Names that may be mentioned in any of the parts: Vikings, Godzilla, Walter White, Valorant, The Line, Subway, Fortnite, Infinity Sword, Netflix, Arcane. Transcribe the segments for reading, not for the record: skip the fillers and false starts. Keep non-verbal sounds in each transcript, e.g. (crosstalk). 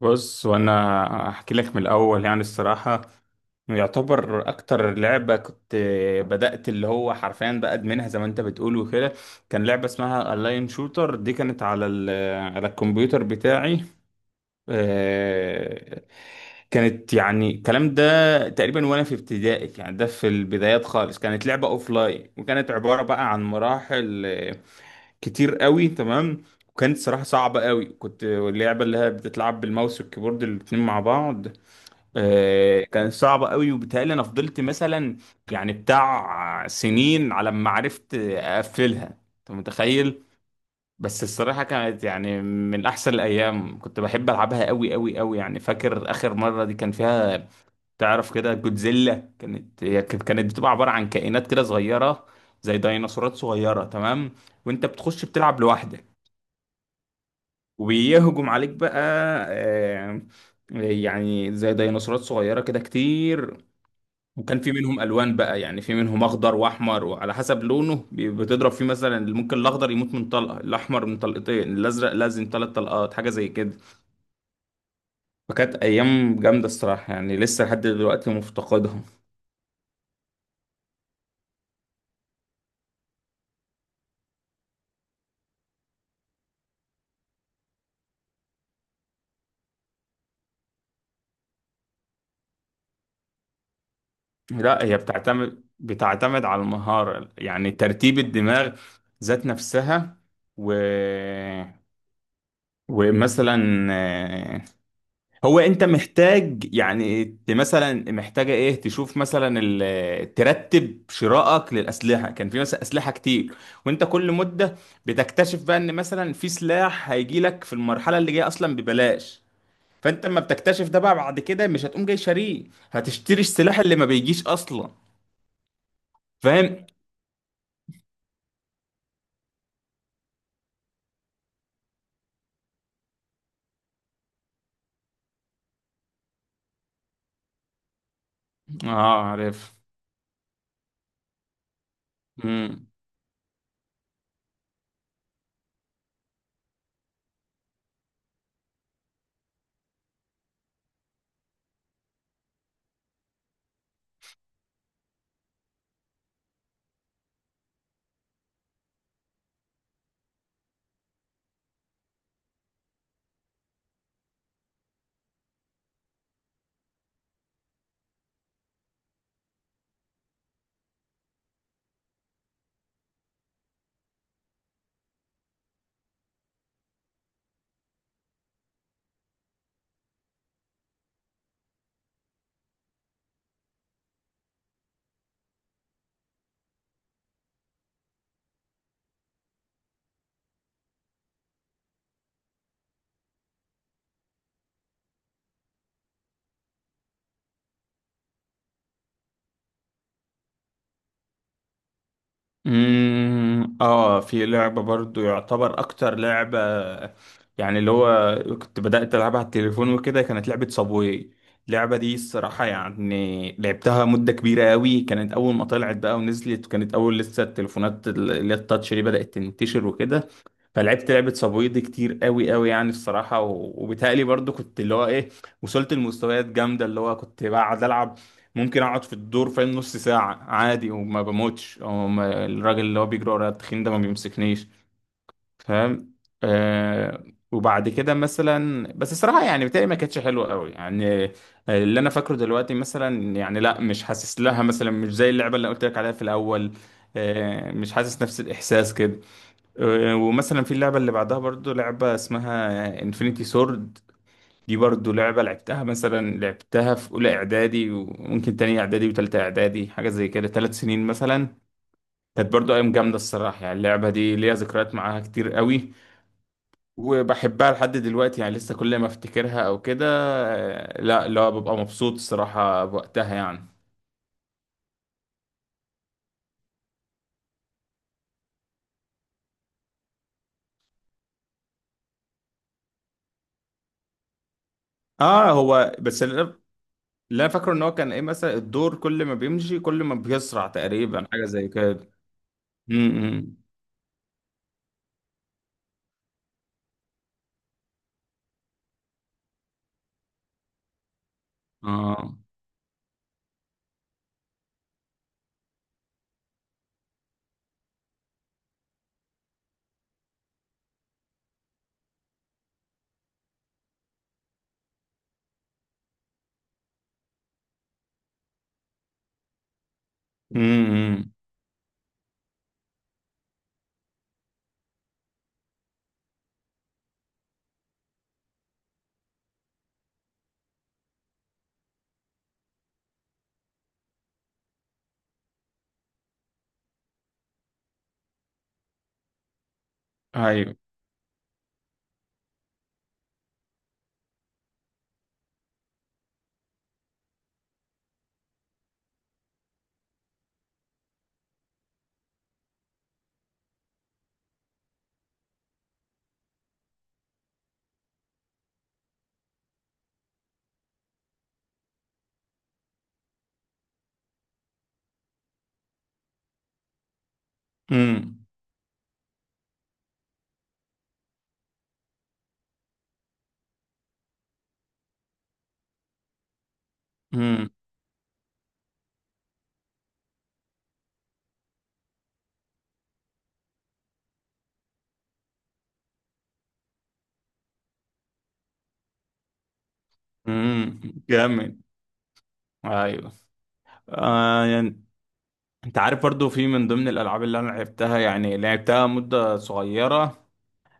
بص وانا هحكي لك من الاول يعني الصراحه يعتبر اكتر لعبه كنت بدات اللي هو حرفيا بقى ادمنها زي ما انت بتقول وكده. كان لعبه اسمها اللاين شوتر، دي كانت على الكمبيوتر بتاعي. آه، كانت يعني الكلام ده تقريبا وانا في ابتدائي، يعني ده في البدايات خالص. كانت لعبه اوف لاين وكانت عباره بقى عن مراحل كتير قوي، تمام. وكانت صراحة صعبة قوي، كنت اللعبة اللي هي بتتلعب بالماوس والكيبورد الاتنين مع بعض. كانت صعبة قوي، وبالتالي انا فضلت مثلا يعني بتاع سنين على ما عرفت اقفلها، انت متخيل؟ بس الصراحة كانت يعني من احسن الايام، كنت بحب العبها قوي قوي قوي. يعني فاكر اخر مرة دي كان فيها، تعرف كده جودزيلا، كانت هي كانت بتبقى عبارة عن كائنات كده صغيرة، زي ديناصورات صغيرة، تمام. وانت بتخش بتلعب لوحدك وبيهجم عليك بقى. آه، يعني زي ديناصورات صغيرة كده كتير. وكان في منهم ألوان بقى، يعني في منهم أخضر وأحمر، وعلى حسب لونه بتضرب فيه، مثلا ممكن الأخضر يموت من طلقة، الأحمر من طلقتين، الأزرق لازم 3 طلقات، حاجة زي كده. فكانت أيام جامدة الصراحة، يعني لسه لحد دلوقتي مفتقدهم. لا، هي بتعتمد على المهارة، يعني ترتيب الدماغ ذات نفسها. و ومثلا آه، هو انت محتاج يعني مثلا محتاجه ايه، تشوف مثلا ترتب شرائك للاسلحه. كان في مثلا اسلحه كتير، وانت كل مده بتكتشف بقى ان مثلا في سلاح هيجي لك في المرحله اللي جايه اصلا ببلاش، فانت اما بتكتشف ده بقى بعد كده مش هتقوم جاي شاريه، هتشتري السلاح اللي ما بيجيش اصلا. فاهم. اه، عارف. امم، اه، في لعبة برضو يعتبر اكتر لعبة، يعني اللي هو كنت بدأت العبها على التليفون وكده، كانت لعبة صابواي. اللعبة دي الصراحة يعني لعبتها مدة كبيرة قوي، كانت اول ما طلعت بقى ونزلت، وكانت اول لسه التليفونات اللي هي التاتش دي بدأت تنتشر وكده. فلعبت لعبة صابوي دي كتير قوي قوي يعني الصراحة، وبالتالي برضو كنت اللي هو ايه، وصلت لمستويات جامدة، اللي هو كنت بقعد ألعب، ممكن أقعد في الدور فاهم نص ساعة عادي وما بموتش، أو ما الراجل اللي هو بيجري ورايا التخين ده ما بيمسكنيش. فاهم. آه. وبعد كده مثلا بس الصراحة يعني بتاعي ما كانتش حلوة قوي يعني. اللي أنا فاكره دلوقتي مثلا يعني لا، مش حاسس لها مثلا، مش زي اللعبة اللي قلت لك عليها في الأول. مش حاسس نفس الإحساس كده. ومثلا في اللعبة اللي بعدها برضو، لعبة اسمها انفينيتي سورد، دي برضو لعبة لعبتها مثلا، لعبتها في أولى إعدادي وممكن تانية إعدادي وتالتة إعدادي، حاجة زي كده 3 سنين مثلا. كانت برضو أيام جامدة الصراحة، يعني اللعبة دي ليها ذكريات معاها كتير قوي، وبحبها لحد دلوقتي، يعني لسه كل ما افتكرها أو كده لا لا، ببقى مبسوط الصراحة بوقتها يعني. اه، هو بس اللي انا فاكره ان هو كان ايه، مثلا الدور كل ما بيمشي كل ما بيسرع تقريبا، حاجه زي كده. م- م. اه. امم. ايوه. امم. امم. امم. جامد. ايوه. آه يعني، انت عارف برضو في من ضمن الالعاب اللي انا لعبتها، يعني لعبتها مدة صغيرة،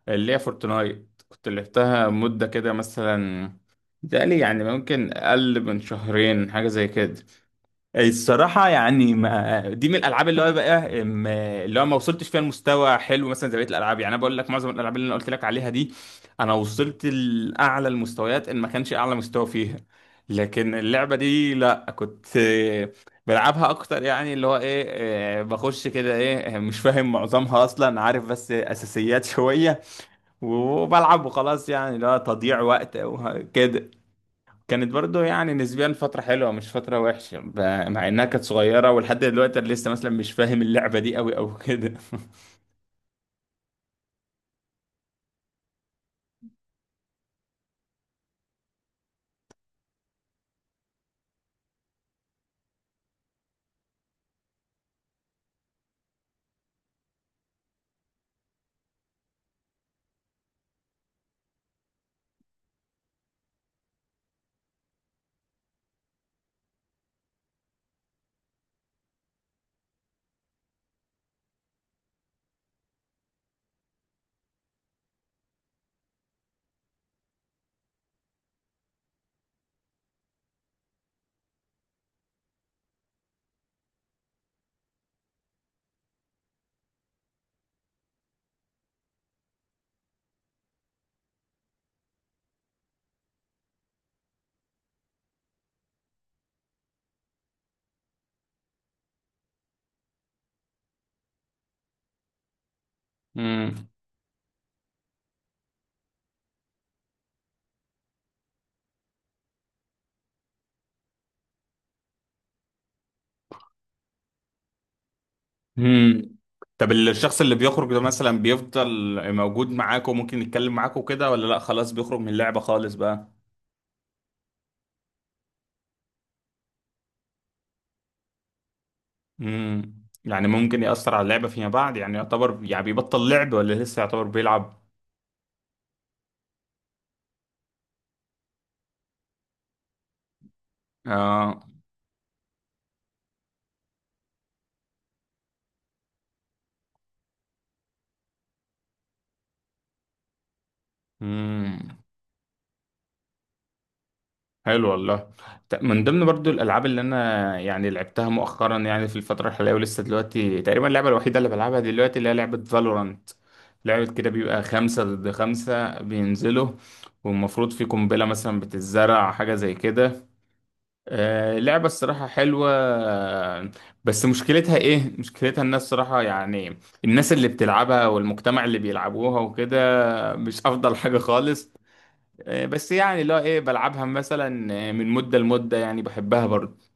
اللي هي فورتنايت، كنت لعبتها مدة كده مثلا، بتهيألي يعني ممكن اقل من شهرين، حاجة زي كده. الصراحة يعني ما دي من الألعاب اللي هو بقى اللي هو ما وصلتش فيها لمستوى حلو، مثلا زي بقية الألعاب. يعني أنا بقول لك، معظم الألعاب اللي أنا قلت لك عليها دي أنا وصلت لأعلى المستويات، إن ما كانش أعلى مستوى فيها. لكن اللعبة دي لأ، كنت بلعبها أكتر، يعني اللي هو إيه، بخش كده إيه، مش فاهم معظمها أصلا عارف، بس أساسيات (laughs) شوية، وبلعب وخلاص، يعني اللي هو تضييع وقت وكده. كانت برضو يعني نسبيا فترة حلوة، مش فترة وحشة مع انها كانت صغيرة، ولحد دلوقتي انا لسه مثلا مش فاهم اللعبة دي قوي او كده. (laughs) امم. امم. طب الشخص اللي بيخرج ده مثلا بيفضل موجود معاك وممكن يتكلم معاك وكده، ولا لا خلاص بيخرج من اللعبة خالص بقى؟ امم. يعني ممكن يأثر على اللعبة فيما بعد؟ يعني يعتبر يعني بيبطل لعب، ولا لسه يعتبر بيلعب؟ اه. امم. حلو والله. من ضمن برضو الالعاب اللي انا يعني لعبتها مؤخرا، يعني في الفتره الحاليه ولسه دلوقتي تقريبا اللعبه الوحيده اللي بلعبها دلوقتي، اللي هي لعبه فالورانت. لعبه كده بيبقى 5 ضد 5 بينزلوا، والمفروض في قنبله مثلا بتتزرع، حاجه زي كده. آه لعبه الصراحه حلوه، بس مشكلتها ايه، مشكلتها الناس صراحه يعني. الناس اللي بتلعبها والمجتمع اللي بيلعبوها وكده مش افضل حاجه خالص. بس يعني اللي هو ايه، بلعبها مثلا من مدة لمدة، يعني بحبها برضه.